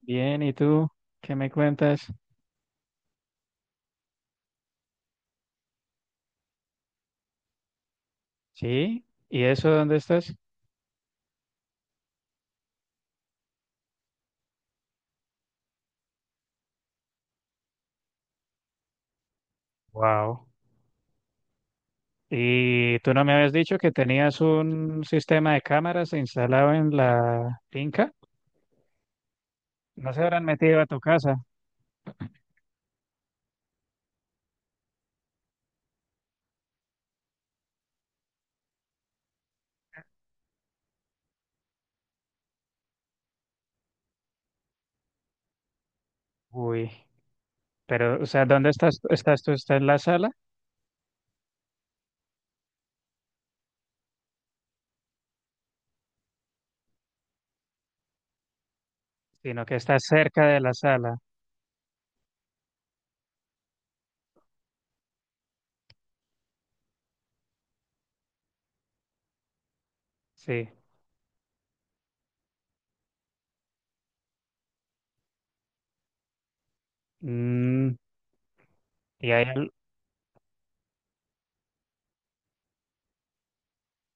Bien, ¿y tú qué me cuentas? ¿Sí? ¿Y eso dónde estás? Wow. ¿Y tú no me habías dicho que tenías un sistema de cámaras instalado en la finca? ¿No se habrán metido a tu casa? Uy, pero, o sea, ¿dónde estás? ¿Estás tú? ¿Estás en la sala? Sino que estás cerca de la sala. Sí. Mm, y ahí,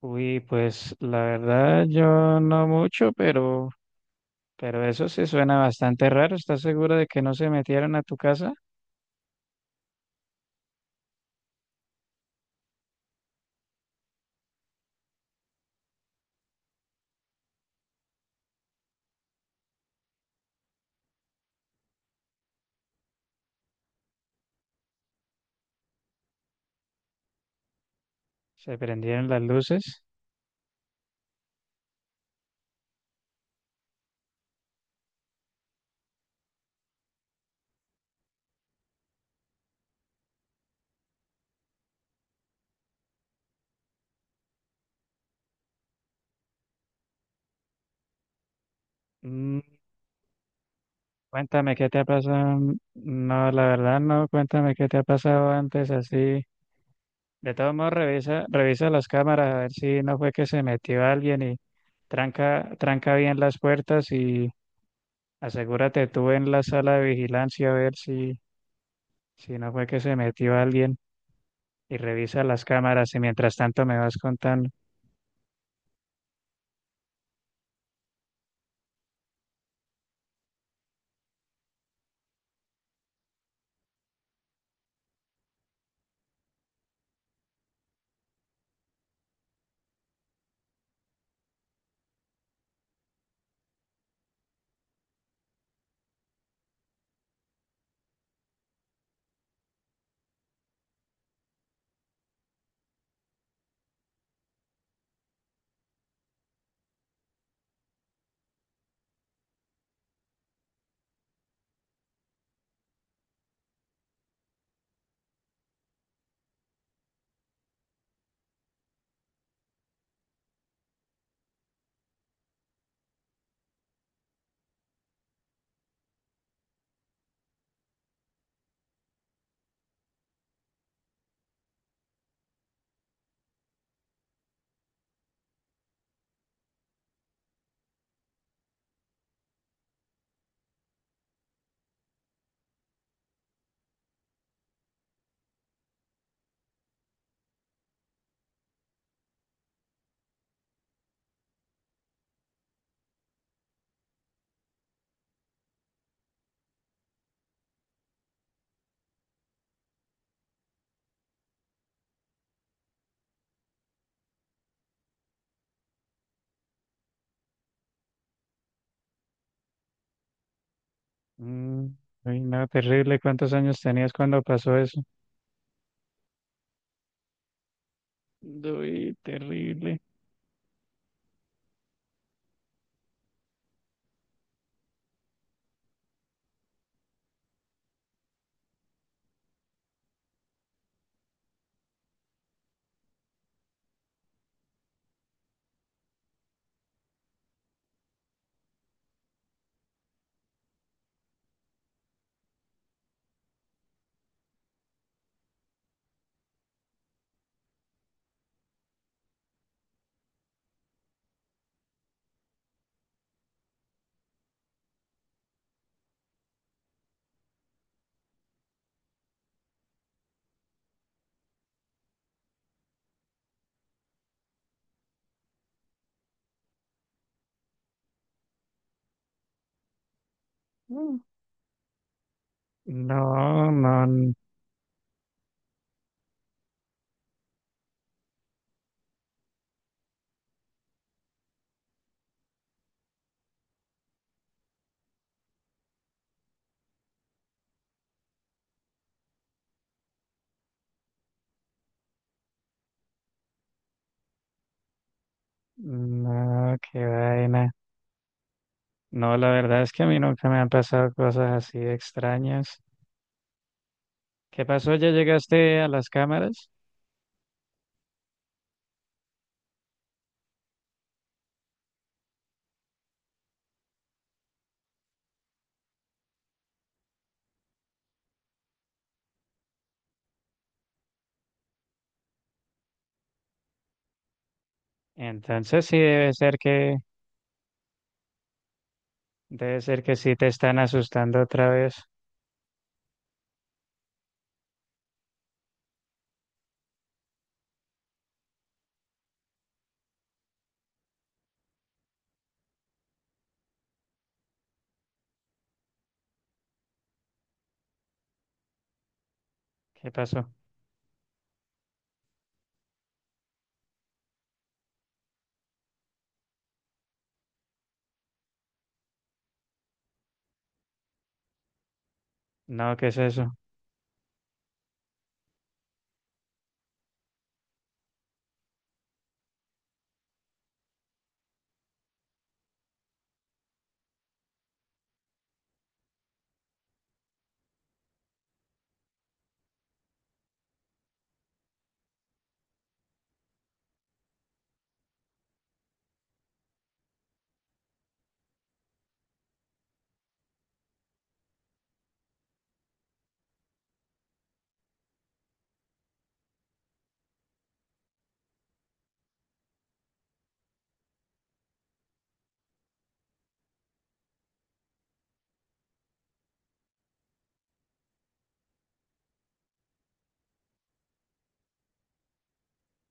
uy, pues la verdad yo no mucho, pero eso sí suena bastante raro. ¿Estás segura de que no se metieron a tu casa? Se prendieron las luces. Mm, cuéntame qué te ha pasado. No, la verdad no, cuéntame qué te ha pasado antes así. De todos modos, revisa las cámaras a ver si no fue que se metió alguien y tranca bien las puertas y asegúrate tú en la sala de vigilancia a ver si no fue que se metió alguien y revisa las cámaras y mientras tanto me vas contando. Mm, uy, no, terrible. ¿Cuántos años tenías cuando pasó eso? Uy, terrible. No, no, n- no, qué vaina. No, la verdad es que a mí nunca me han pasado cosas así extrañas. ¿Qué pasó? ¿Ya llegaste a las cámaras? Entonces sí debe ser que sí te están asustando otra vez. ¿Qué pasó? No, ¿qué es eso?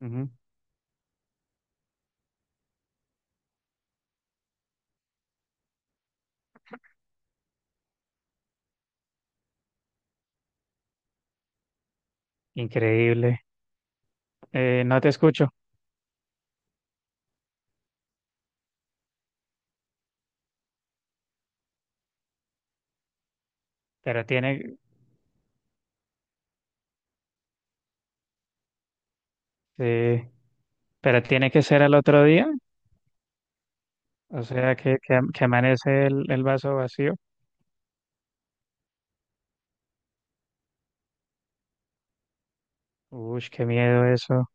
Ujú. Increíble. No te escucho, pero tiene, eh, pero tiene que ser al otro día. O sea, que amanece el vaso vacío. Uy, qué miedo eso.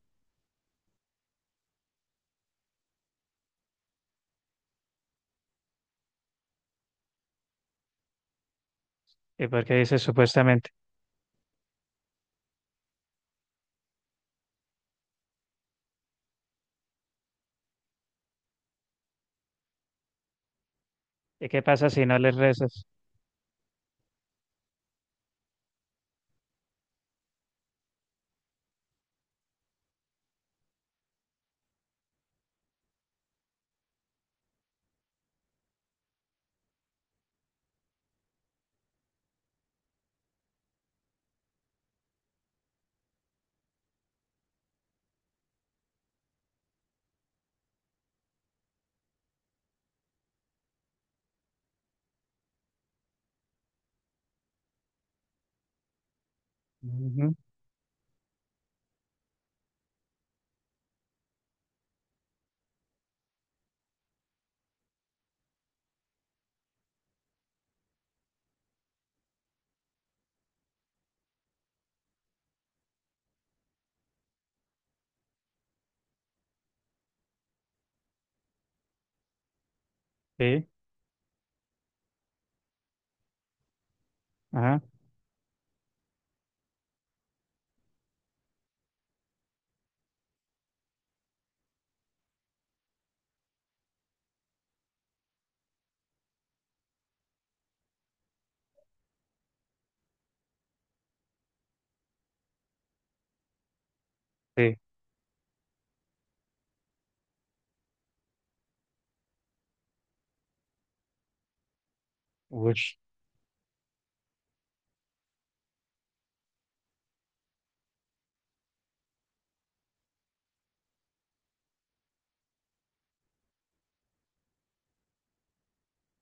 ¿Y por qué dices supuestamente? ¿Y qué pasa si no les rezas? Ujú, sí, ajá, sí. Uy,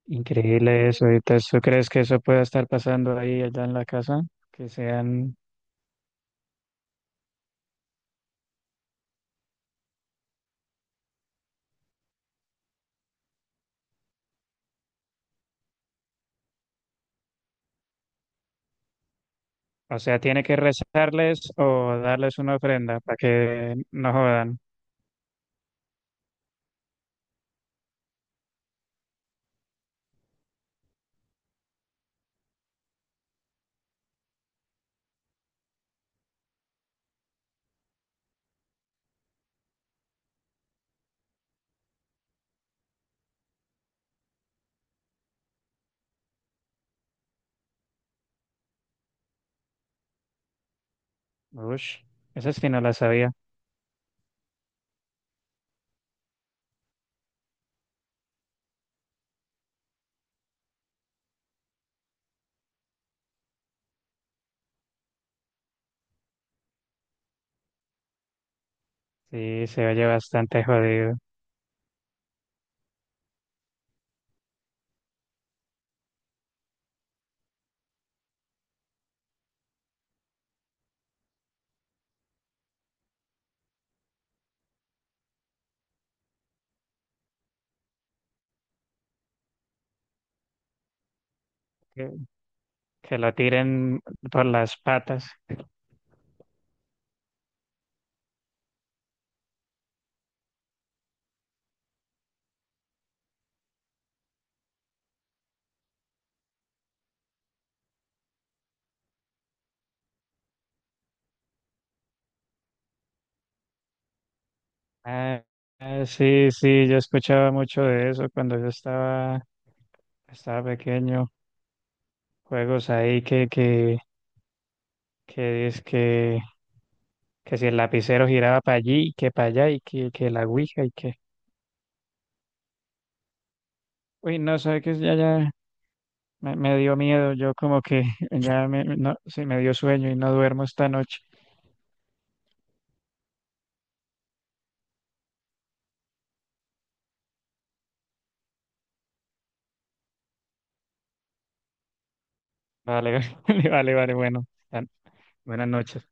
increíble eso. ¿Y entonces tú crees que eso pueda estar pasando ahí allá en la casa? Que sean, o sea, tiene que rezarles o darles una ofrenda para que no jodan. Uy, eso sí no la sabía. Sí, se oye bastante jodido. Que, que lo tiren por las patas. Ah, ah, sí, sí, yo escuchaba mucho de eso cuando yo estaba pequeño. Juegos ahí que es que si el lapicero giraba para allí y que para allá que la ouija y que... Uy, no, sabe que ya me dio miedo, yo como que ya me, no, sí, me dio sueño y no duermo esta noche. Vale, vale, bueno, tan- buenas noches.